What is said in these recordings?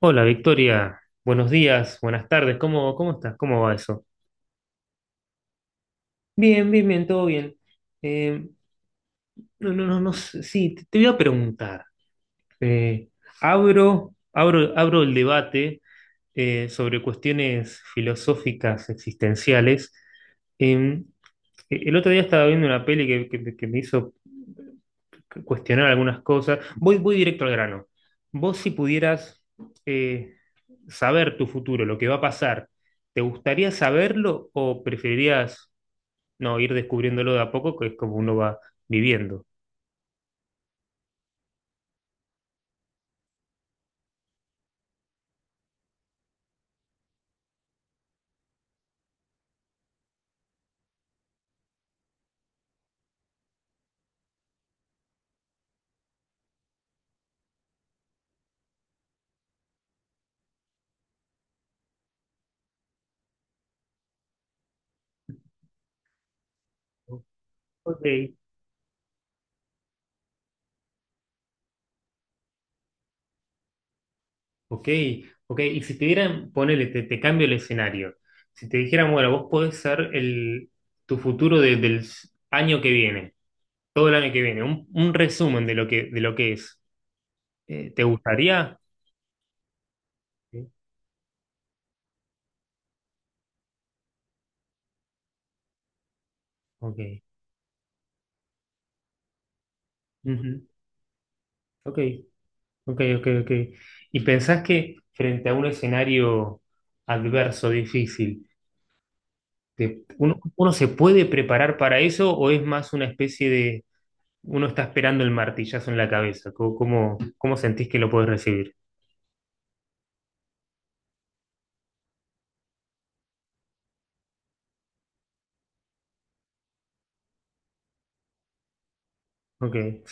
Hola Victoria, buenos días, buenas tardes, ¿cómo estás? ¿Cómo va eso? Bien, bien, bien, todo bien. Eh, no, no, no, no sé, sí, te voy a preguntar. Eh, abro el debate sobre cuestiones filosóficas existenciales. Eh, el otro día estaba viendo una peli que me hizo cuestionar algunas cosas. Voy directo al grano. Vos, si pudieras eh, saber tu futuro, lo que va a pasar, ¿te gustaría saberlo o preferirías no ir descubriéndolo de a poco, que es como uno va viviendo? Ok, ok, ok. Y si te dieran, ponele, te cambio el escenario. Si te dijeran, bueno, vos podés ser tu futuro del año que viene, todo el año que viene, un resumen de lo que es, ¿te gustaría? Sí. Ok. Ujú. Ok. Ok, ok, ok. ¿Y pensás que frente a un escenario adverso, difícil, uno se puede preparar para eso o es más una especie de uno está esperando el martillazo en la cabeza? ¿Cómo sentís que lo podés recibir? Ok, estoy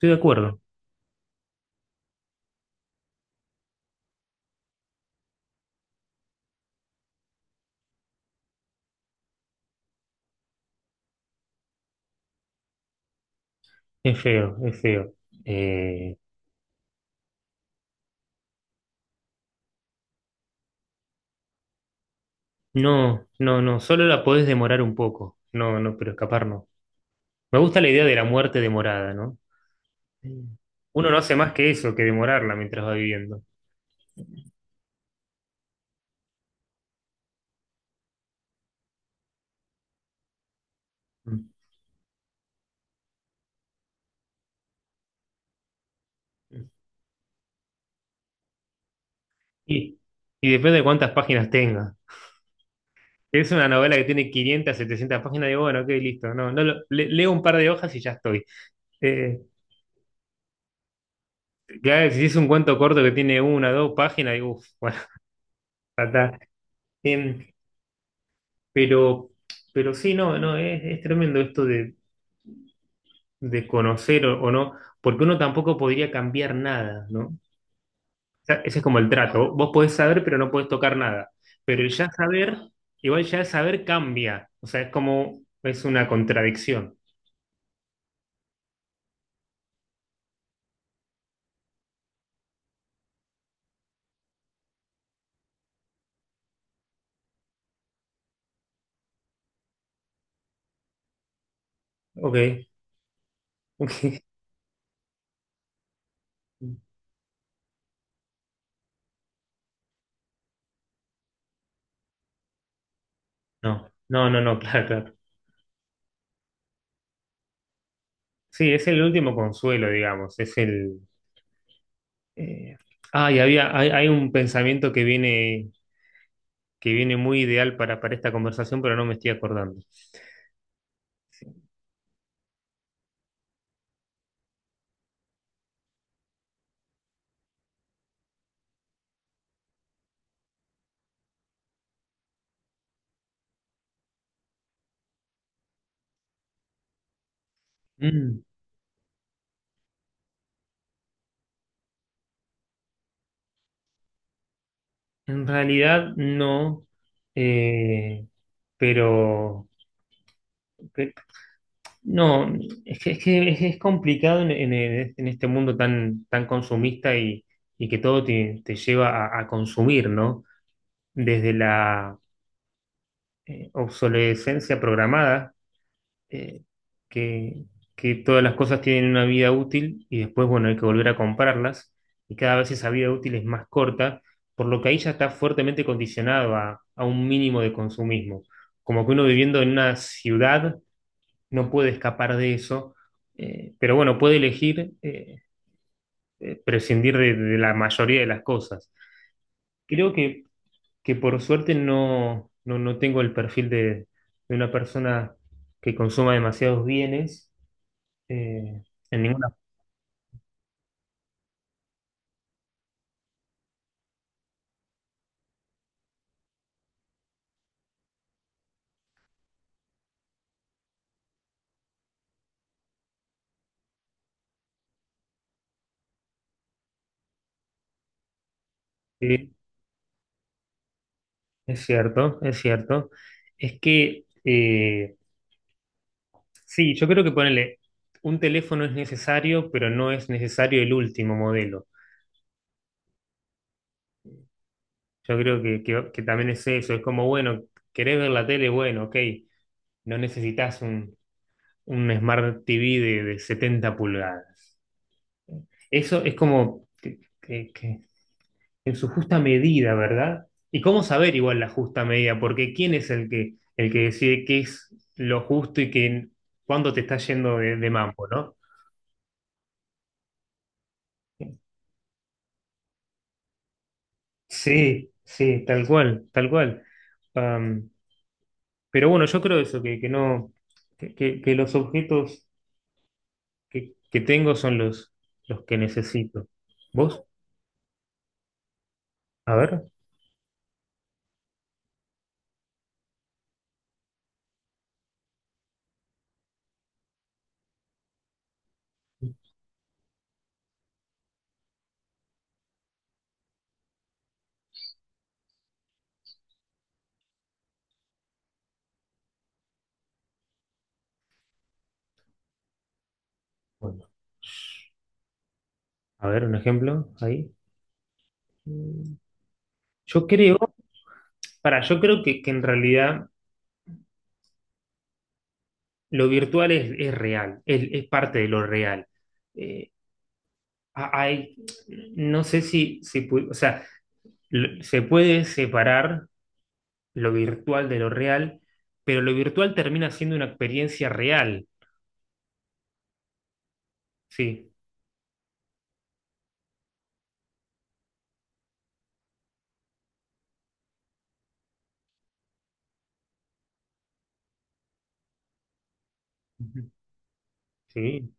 de acuerdo. Es feo, es feo. Eh, no, no, no, solo la podés demorar un poco. No, no, pero escapar no. Me gusta la idea de la muerte demorada, ¿no? Uno no hace más que eso, que demorarla mientras va viviendo. Mm. Y, y depende de cuántas páginas tenga. Es una novela que tiene 500 700 páginas, digo, bueno, ok, listo. No, no leo un par de hojas y ya estoy. Eh, ya si es un cuento corto que tiene una, dos páginas, digo, uff, bueno, ya está. Em, pero, pero sí, no, no, es tremendo esto de conocer o no, porque uno tampoco podría cambiar nada, ¿no? O sea, ese es como el trato. Vos podés saber, pero no podés tocar nada. Pero el ya saber, igual ya saber cambia. O sea, es como, es una contradicción. Ok, ok. No, no, no, no, claro, claro. Sí, es el último consuelo, digamos. Es el. Eh, Ah, y hay un pensamiento que viene muy ideal para esta conversación, pero no me estoy acordando. Mm, en realidad, no. eh, pero, pe- no, es que es complicado en este mundo tan consumista y que todo te lleva a consumir, ¿no? Desde la obsolescencia programada, eh, que, que todas las cosas tienen una vida útil y después, bueno, hay que volver a comprarlas y cada vez esa vida útil es más corta, por lo que ahí ya está fuertemente condicionado a un mínimo de consumismo. Como que uno viviendo en una ciudad no puede escapar de eso, pero bueno, puede elegir prescindir de la mayoría de las cosas. Creo que por suerte no, no, no tengo el perfil de una persona que consuma demasiados bienes, eh, en ninguna. Sí, es cierto, es cierto. Es que, sí, yo creo que ponerle un teléfono es necesario, pero no es necesario el último modelo. Yo creo que también es eso, es como, bueno, querés ver la tele, bueno, ok, no necesitas un Smart TV de 70 pulgadas. Eso es como que, en su justa medida, ¿verdad? ¿Y cómo saber igual la justa medida? Porque ¿quién es el que decide qué es lo justo y cuándo te está yendo de mambo, ¿no? Sí, sí, tal cual, tal cual. Am, pero bueno, yo creo eso, que no, que los objetos que tengo son los que necesito. ¿Vos? A ver, bueno, a ver, un ejemplo ahí. Mm, Yo creo, yo creo que en realidad lo virtual es real, es parte de lo real. Eh, ha- hay, no sé si o sea, se puede separar lo virtual de lo real, pero lo virtual termina siendo una experiencia real. Sí. Ujú. Sí.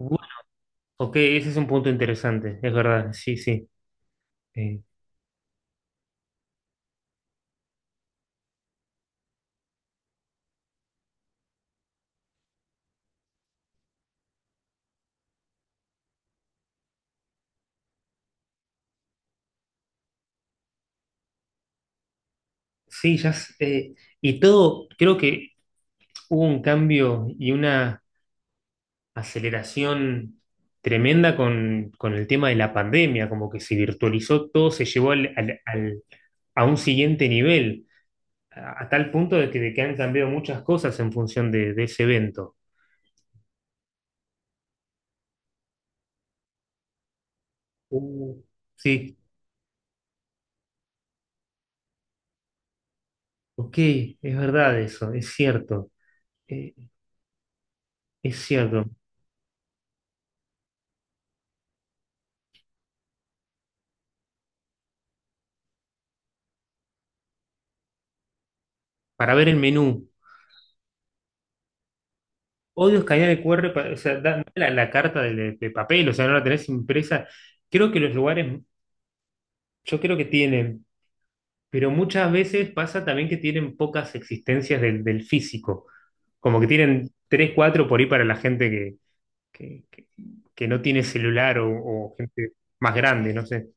Bu- Ok, ese es un punto interesante, es verdad, sí, sí. Eh, sí, ya. Y todo, creo que hubo un cambio y una aceleración tremenda con el tema de la pandemia, como que se virtualizó todo, se llevó a un siguiente nivel, a tal punto de que han cambiado muchas cosas en función de ese evento. Uh, sí, ok, es verdad eso, es cierto, eh, es cierto. Para ver el menú. Odio escanear el QR, o sea, la carta de papel, o sea, no la tenés impresa. Creo que los lugares, yo creo que tienen. Pero muchas veces pasa también que tienen pocas existencias del físico, como que tienen tres, cuatro por ahí para la gente que, que- que no tiene celular o gente más grande, no sé.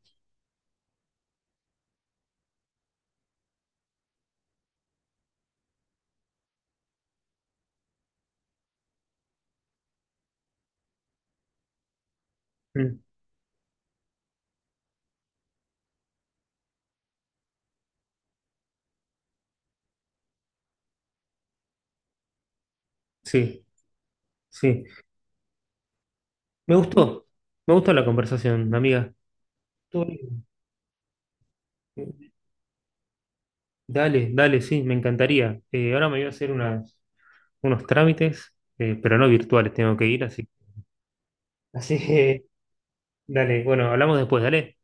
Mm, sí, sí. Me gustó, me gustó la conversación, amiga. Estuvo bien. Dale, dale, sí, me encantaría. Ahora me voy a hacer unos trámites, pero no virtuales, tengo que ir, así. Así que, dale, bueno, hablamos después, dale.